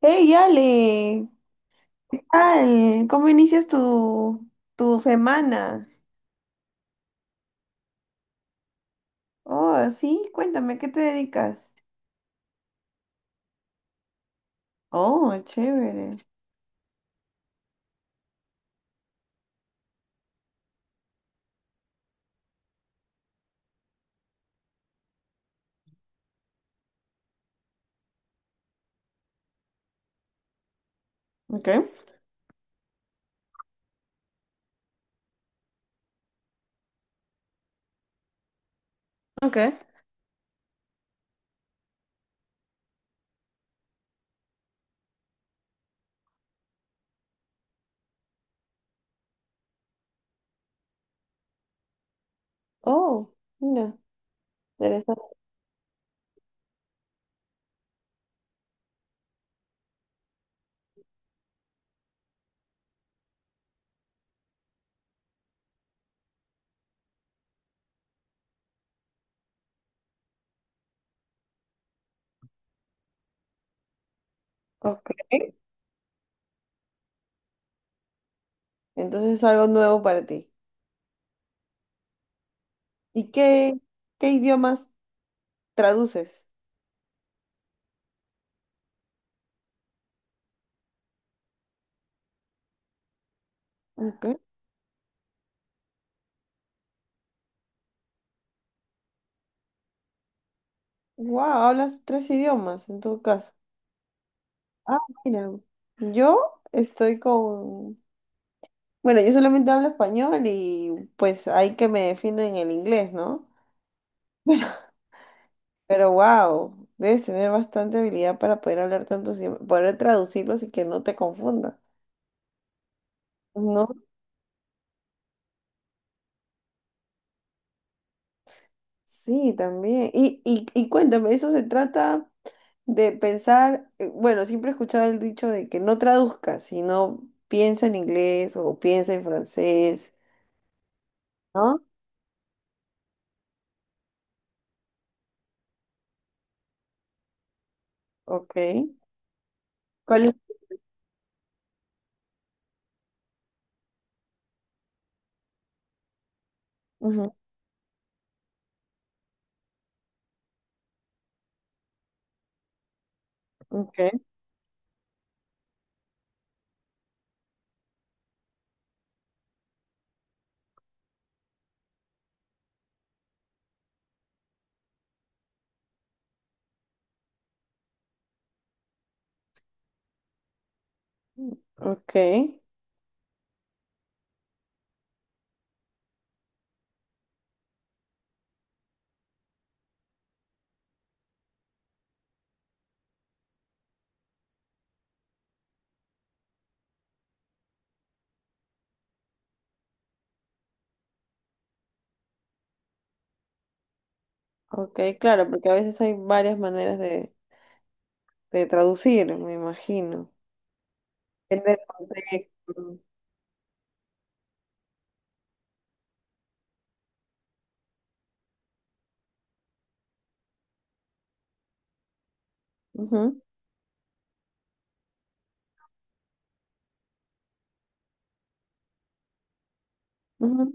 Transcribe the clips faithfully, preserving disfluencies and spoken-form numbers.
Hey, Ale, ¿qué tal? ¿Cómo inicias tu, tu semana? Oh, sí, cuéntame, ¿a ¿qué te dedicas? Oh, chévere. Ok, ok. Oh, mira, interesante. Ok, entonces es algo nuevo para ti. ¿Y qué, qué idiomas traduces? Ok. Wow, hablas tres idiomas en tu caso. Ah, mira, yo estoy con... Bueno, yo solamente hablo español y pues hay que me defiendo en el inglés, ¿no? Pero wow, debes tener bastante habilidad para poder hablar tantos idiomas, poder traducirlos y que no te confunda. ¿No? Sí, también. Y, y, y cuéntame, eso se trata de pensar, eh, bueno, siempre he escuchado el dicho de que no traduzcas, sino piensa en inglés o piensa en francés, ¿no? Ok. ¿Cuál es? Ujú, ok, ok, ok, claro, porque a veces hay varias maneras de, de traducir, me imagino. Depende del contexto. Ujú, ujú.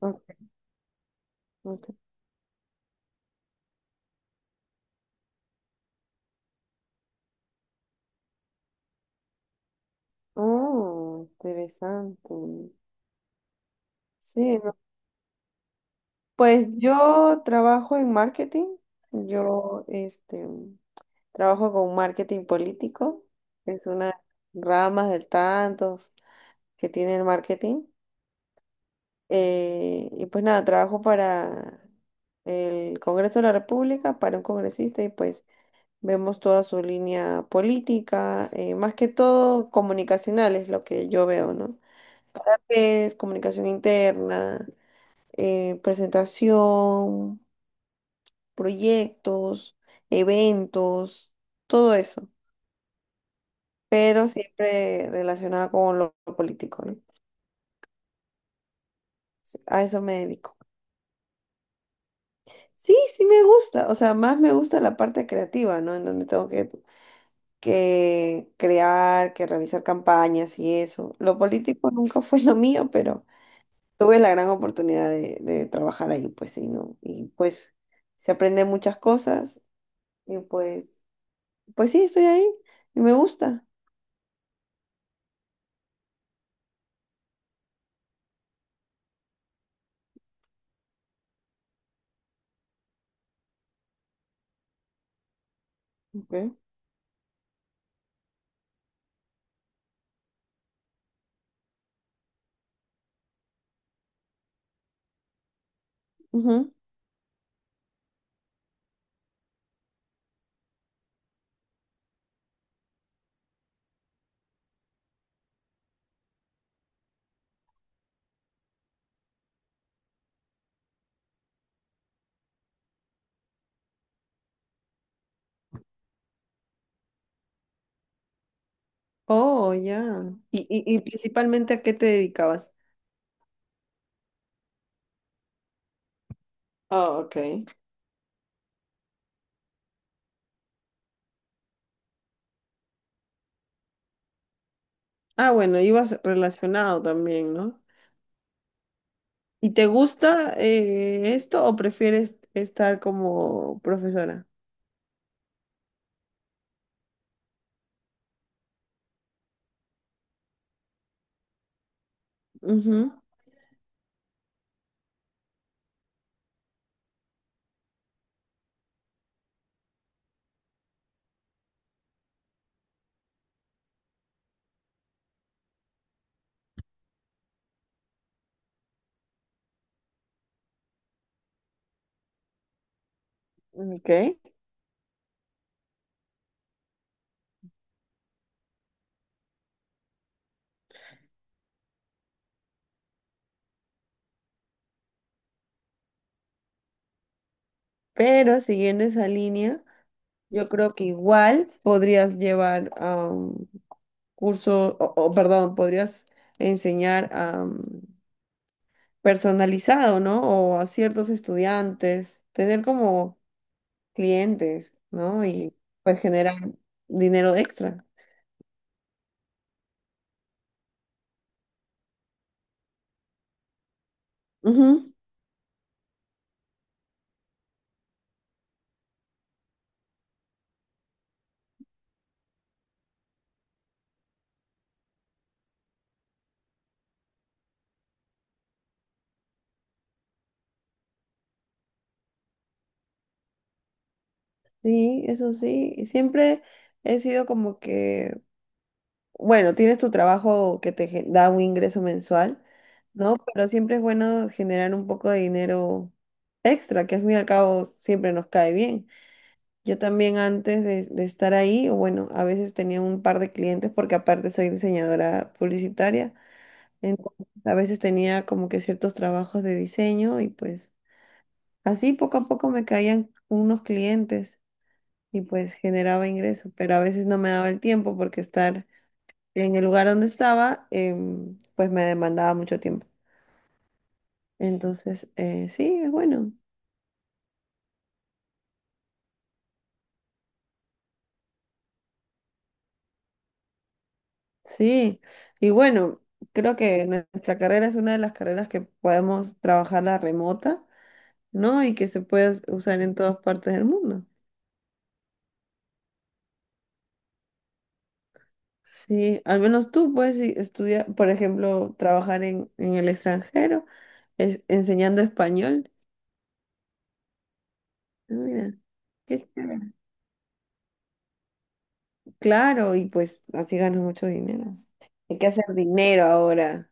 Ok, ok. Oh, interesante. Sí, no, pues yo trabajo en marketing. Yo este, trabajo con marketing político. Es una rama de tantos que tiene el marketing. Eh, y pues nada, trabajo para el Congreso de la República, para un congresista y pues vemos toda su línea política, eh, más que todo comunicacional es lo que yo veo, ¿no? Pues, comunicación interna, eh, presentación, proyectos, eventos, todo eso, pero siempre relacionada con lo político, ¿no? A eso me dedico. Sí, sí me gusta, o sea, más me gusta la parte creativa, ¿no? En donde tengo que, que crear, que realizar campañas y eso. Lo político nunca fue lo mío, pero tuve la gran oportunidad de, de trabajar ahí, pues sí, ¿no? Y pues se aprende muchas cosas. Y pues, pues sí, estoy ahí y me gusta. Ok. Ujú. Oh, ya. Y, y, y principalmente, ¿a qué te dedicabas? Ah, ok. Ah, bueno, ibas relacionado también, ¿no? ¿Y te gusta eh, esto o prefieres estar como profesora? Ujú, ok. Pero siguiendo esa línea, yo creo que igual podrías llevar a un curso, o, o, perdón, podrías enseñar a personalizado, ¿no? O a ciertos estudiantes, tener como clientes, ¿no? Y pues generar dinero extra. Ujú, sí, eso sí. y siempre he sido como que, bueno, tienes tu trabajo que te gen- da un ingreso mensual, ¿no? Pero siempre es bueno generar un poco de dinero extra, que al fin y al cabo siempre nos cae bien. Yo también antes de, de estar ahí, o bueno, a veces tenía un par de clientes porque aparte soy diseñadora publicitaria. Entonces, a veces tenía como que ciertos trabajos de diseño y pues así poco a poco me caían unos clientes y pues generaba ingreso, pero a veces no me daba el tiempo porque estar en el lugar donde estaba em, pues me demandaba mucho tiempo. Entonces, eh, sí, es bueno. Sí, y bueno, creo que nuestra carrera es una de las carreras que podemos trabajarla remota, ¿no? Y que se puede usar en todas partes del mundo. Sí, al menos tú puedes i- estudiar, por ejemplo, trabajar en, en el extranjero, es- enseñando español. Ah, mira, qué chévere. Claro, y pues así ganas mucho dinero. Hay que hacer dinero ahora.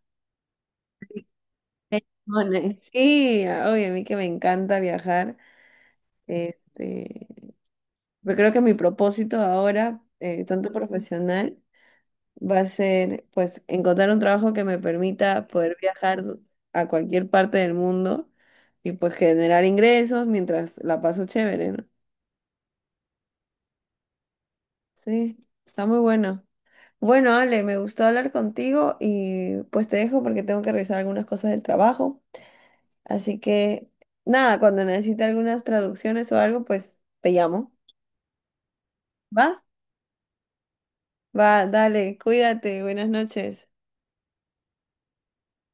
Bueno, sí, oye, a mí que me encanta viajar, este, pero creo que mi propósito ahora, eh, tanto profesional va a ser pues encontrar un trabajo que me permita poder viajar a cualquier parte del mundo y pues generar ingresos mientras la paso chévere, ¿no? Sí, está muy bueno. Bueno, Ale, me gustó hablar contigo y pues te dejo porque tengo que revisar algunas cosas del trabajo. Así que nada, cuando necesite algunas traducciones o algo, pues te llamo. ¿Va? Va, dale, cuídate, buenas noches.